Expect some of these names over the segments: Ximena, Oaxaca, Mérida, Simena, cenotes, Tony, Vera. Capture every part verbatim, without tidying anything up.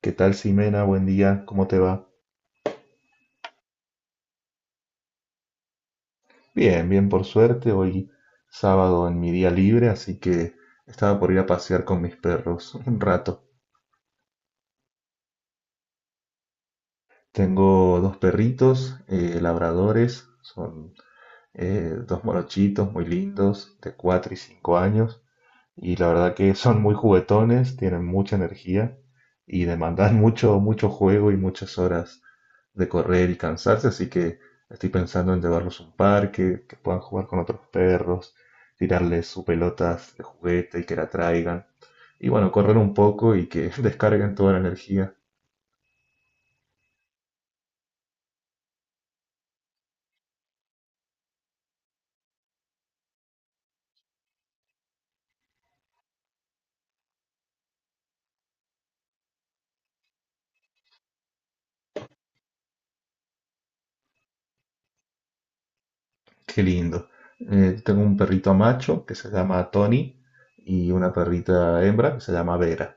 ¿Qué tal, Simena? Buen día, ¿cómo te va? Bien, bien, por suerte. Hoy sábado en mi día libre, así que estaba por ir a pasear con mis perros un rato. Tengo dos perritos eh, labradores, son eh, dos morochitos muy lindos, de cuatro y cinco años. Y la verdad que son muy juguetones, tienen mucha energía y demandan mucho, mucho juego y muchas horas de correr y cansarse, así que estoy pensando en llevarlos a un parque, que puedan jugar con otros perros, tirarles sus pelotas de juguete y que la traigan. Y bueno, correr un poco y que descarguen toda la energía. Qué lindo. Eh, tengo un perrito macho que se llama Tony y una perrita hembra que se llama Vera.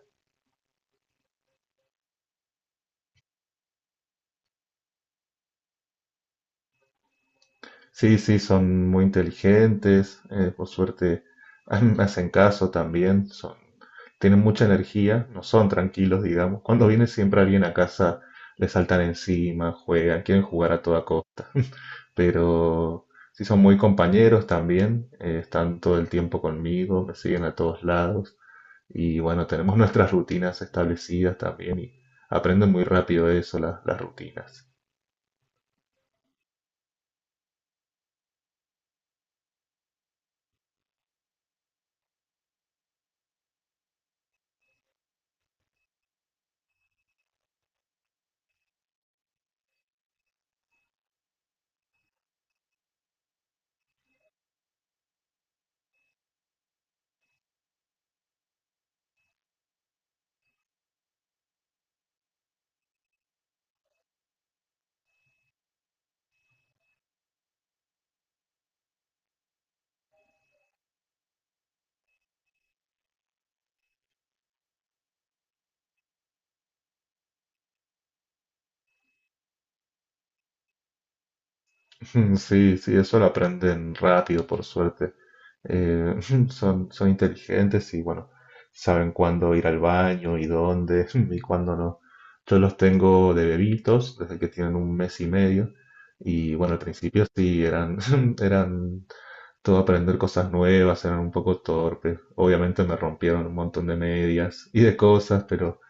Sí, sí, son muy inteligentes, eh, por suerte a mí me hacen caso también, son, tienen mucha energía, no son tranquilos, digamos. Cuando viene siempre alguien a casa, le saltan encima, juegan, quieren jugar a toda costa, pero sí son muy compañeros también, eh, están todo el tiempo conmigo, me siguen a todos lados y bueno, tenemos nuestras rutinas establecidas también y aprenden muy rápido eso, las las rutinas. Mm, sí, sí, eso lo aprenden rápido, por suerte. Eh, son, son inteligentes y bueno, saben cuándo ir al baño y dónde y cuándo no. Yo los tengo de bebitos desde que tienen un mes y medio y bueno, al principio sí eran, eran todo aprender cosas nuevas, eran un poco torpes. Obviamente me rompieron un montón de medias y de cosas, pero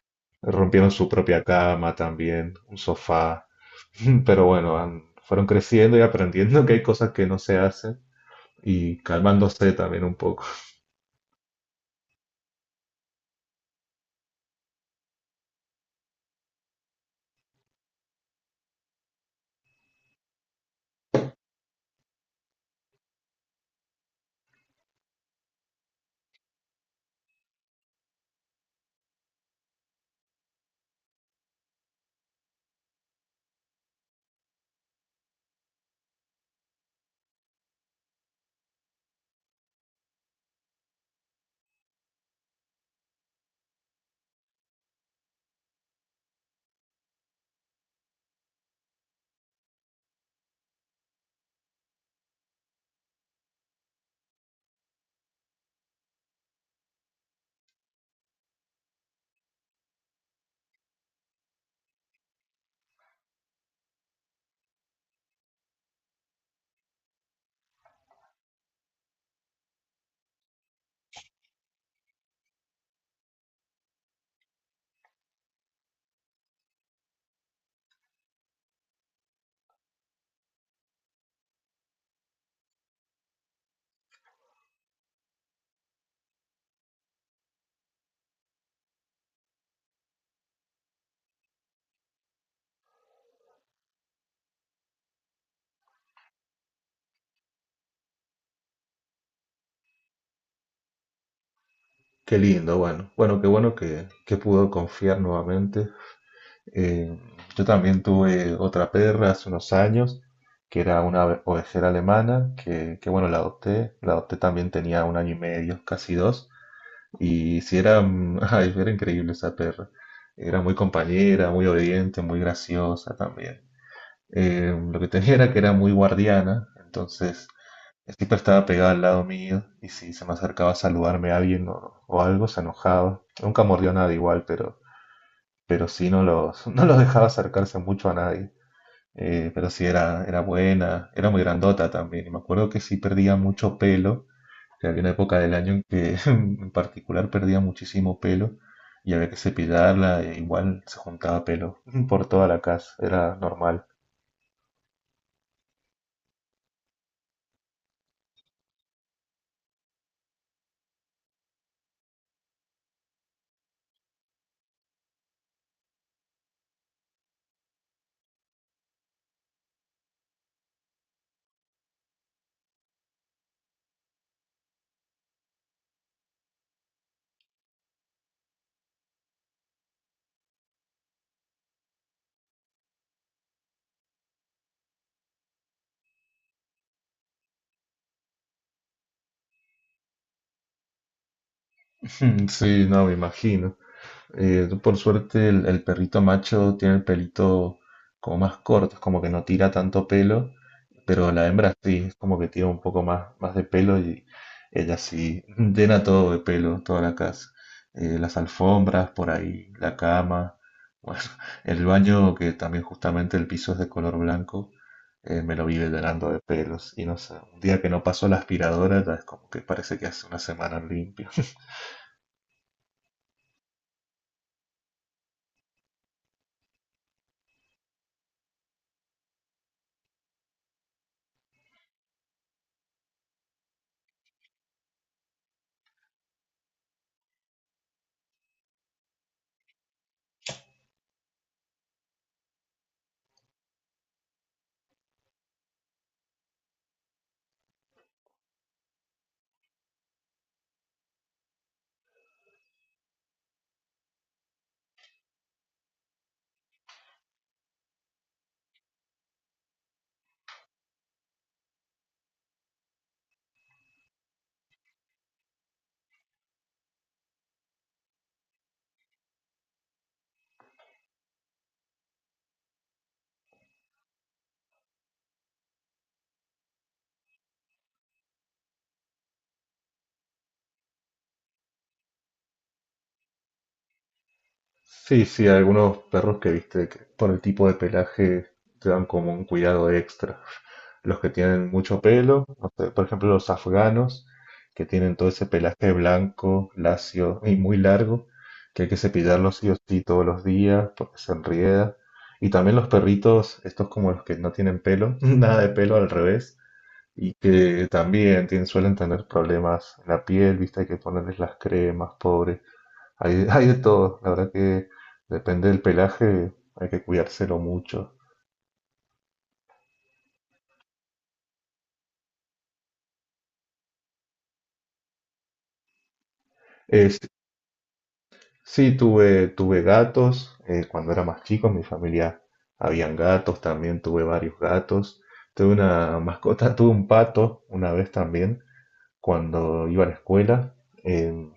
rompieron su propia cama también, un sofá. Pero bueno, han- fueron creciendo y aprendiendo que hay cosas que no se hacen y calmándose también un poco. Qué lindo, bueno. Bueno, qué bueno que, que pudo confiar nuevamente. Eh, yo también tuve otra perra hace unos años, que era una ovejera alemana, que, que bueno, la adopté. La adopté también tenía un año y medio, casi dos. Y si era, mm, ay, era increíble esa perra. Era muy compañera, muy obediente, muy graciosa también. Eh, lo que tenía era que era muy guardiana, entonces siempre estaba pegada al lado mío y si se me acercaba a saludarme a alguien o, o algo, se enojaba. Nunca mordió nada igual, pero, pero sí no los, no los dejaba acercarse mucho a nadie. Eh, pero sí era, era buena, era muy grandota también. Y me acuerdo que sí perdía mucho pelo, que había una época del año en que en particular perdía muchísimo pelo y había que cepillarla, e igual se juntaba pelo por toda la casa, era normal. Sí, no, me imagino. Eh, tú, por suerte el, el perrito macho tiene el pelito como más corto, es como que no tira tanto pelo, pero la hembra sí, es como que tira un poco más, más de pelo y ella sí llena todo de pelo, toda la casa. Eh, las alfombras por ahí, la cama, bueno, el baño que también justamente el piso es de color blanco, eh, me lo vive llenando de pelos y no sé, un día que no pasó la aspiradora ya es como que parece que hace una semana limpio. Sí, sí, algunos perros que viste que por el tipo de pelaje te dan como un cuidado extra. Los que tienen mucho pelo, no sé, por ejemplo los afganos, que tienen todo ese pelaje blanco, lacio y muy largo, que hay que cepillarlos sí o sí todos los días porque se enrieda. Y también los perritos, estos como los que no tienen pelo, nada de pelo al revés, y que también tienen- suelen tener problemas en la piel, viste, hay que ponerles las cremas, pobres. Hay, hay de todo, la verdad que depende del pelaje, hay que cuidárselo mucho. Es, sí, tuve, tuve gatos eh, cuando era más chico, en mi familia habían gatos, también tuve varios gatos. Tuve una mascota, tuve un pato una vez también, cuando iba a la escuela. En-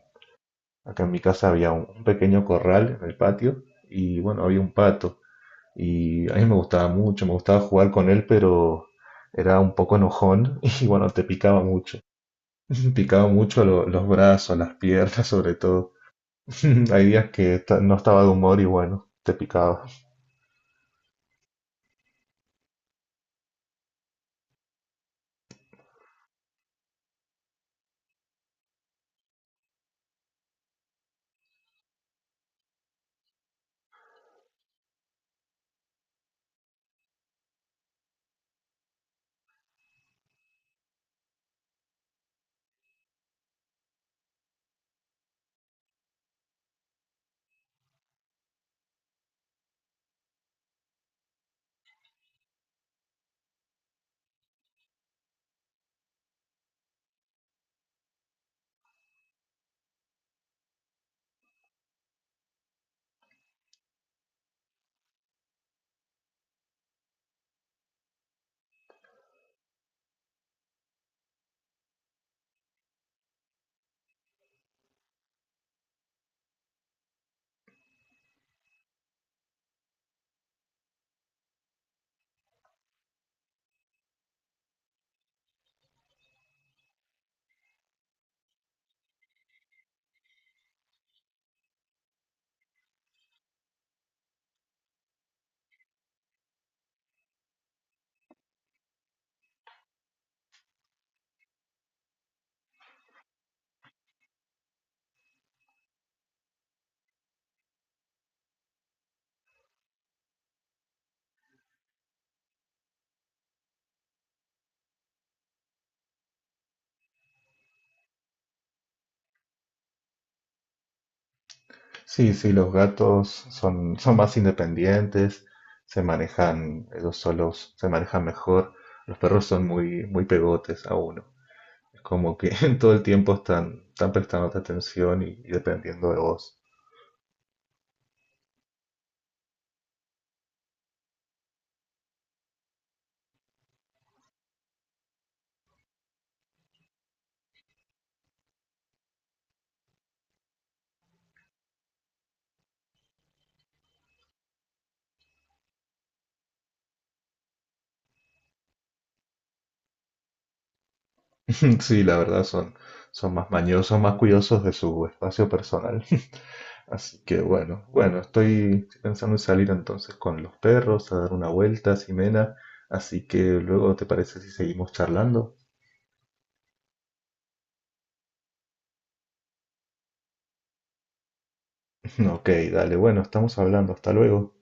acá en mi casa había un, un pequeño corral en el patio y bueno, había un pato. Y a mí me gustaba mucho, me gustaba jugar con él, pero era un poco enojón y bueno, te picaba mucho. Picado mucho lo- los brazos, las piernas, sobre todo. Hay días que esta- no estaba de humor y bueno, te picaba. Sí, sí, los gatos son, son más independientes, se manejan ellos solos, se manejan mejor. Los perros son muy, muy pegotes a uno. Es como que todo el tiempo están, están prestándote atención y, y dependiendo de vos. Sí, la verdad son, son más mañosos, más cuidadosos de su espacio personal. Así que bueno, bueno, estoy pensando en salir entonces con los perros a dar una vuelta, a Ximena. Así que luego, ¿te parece si seguimos charlando? Ok, dale, bueno, estamos hablando, hasta luego.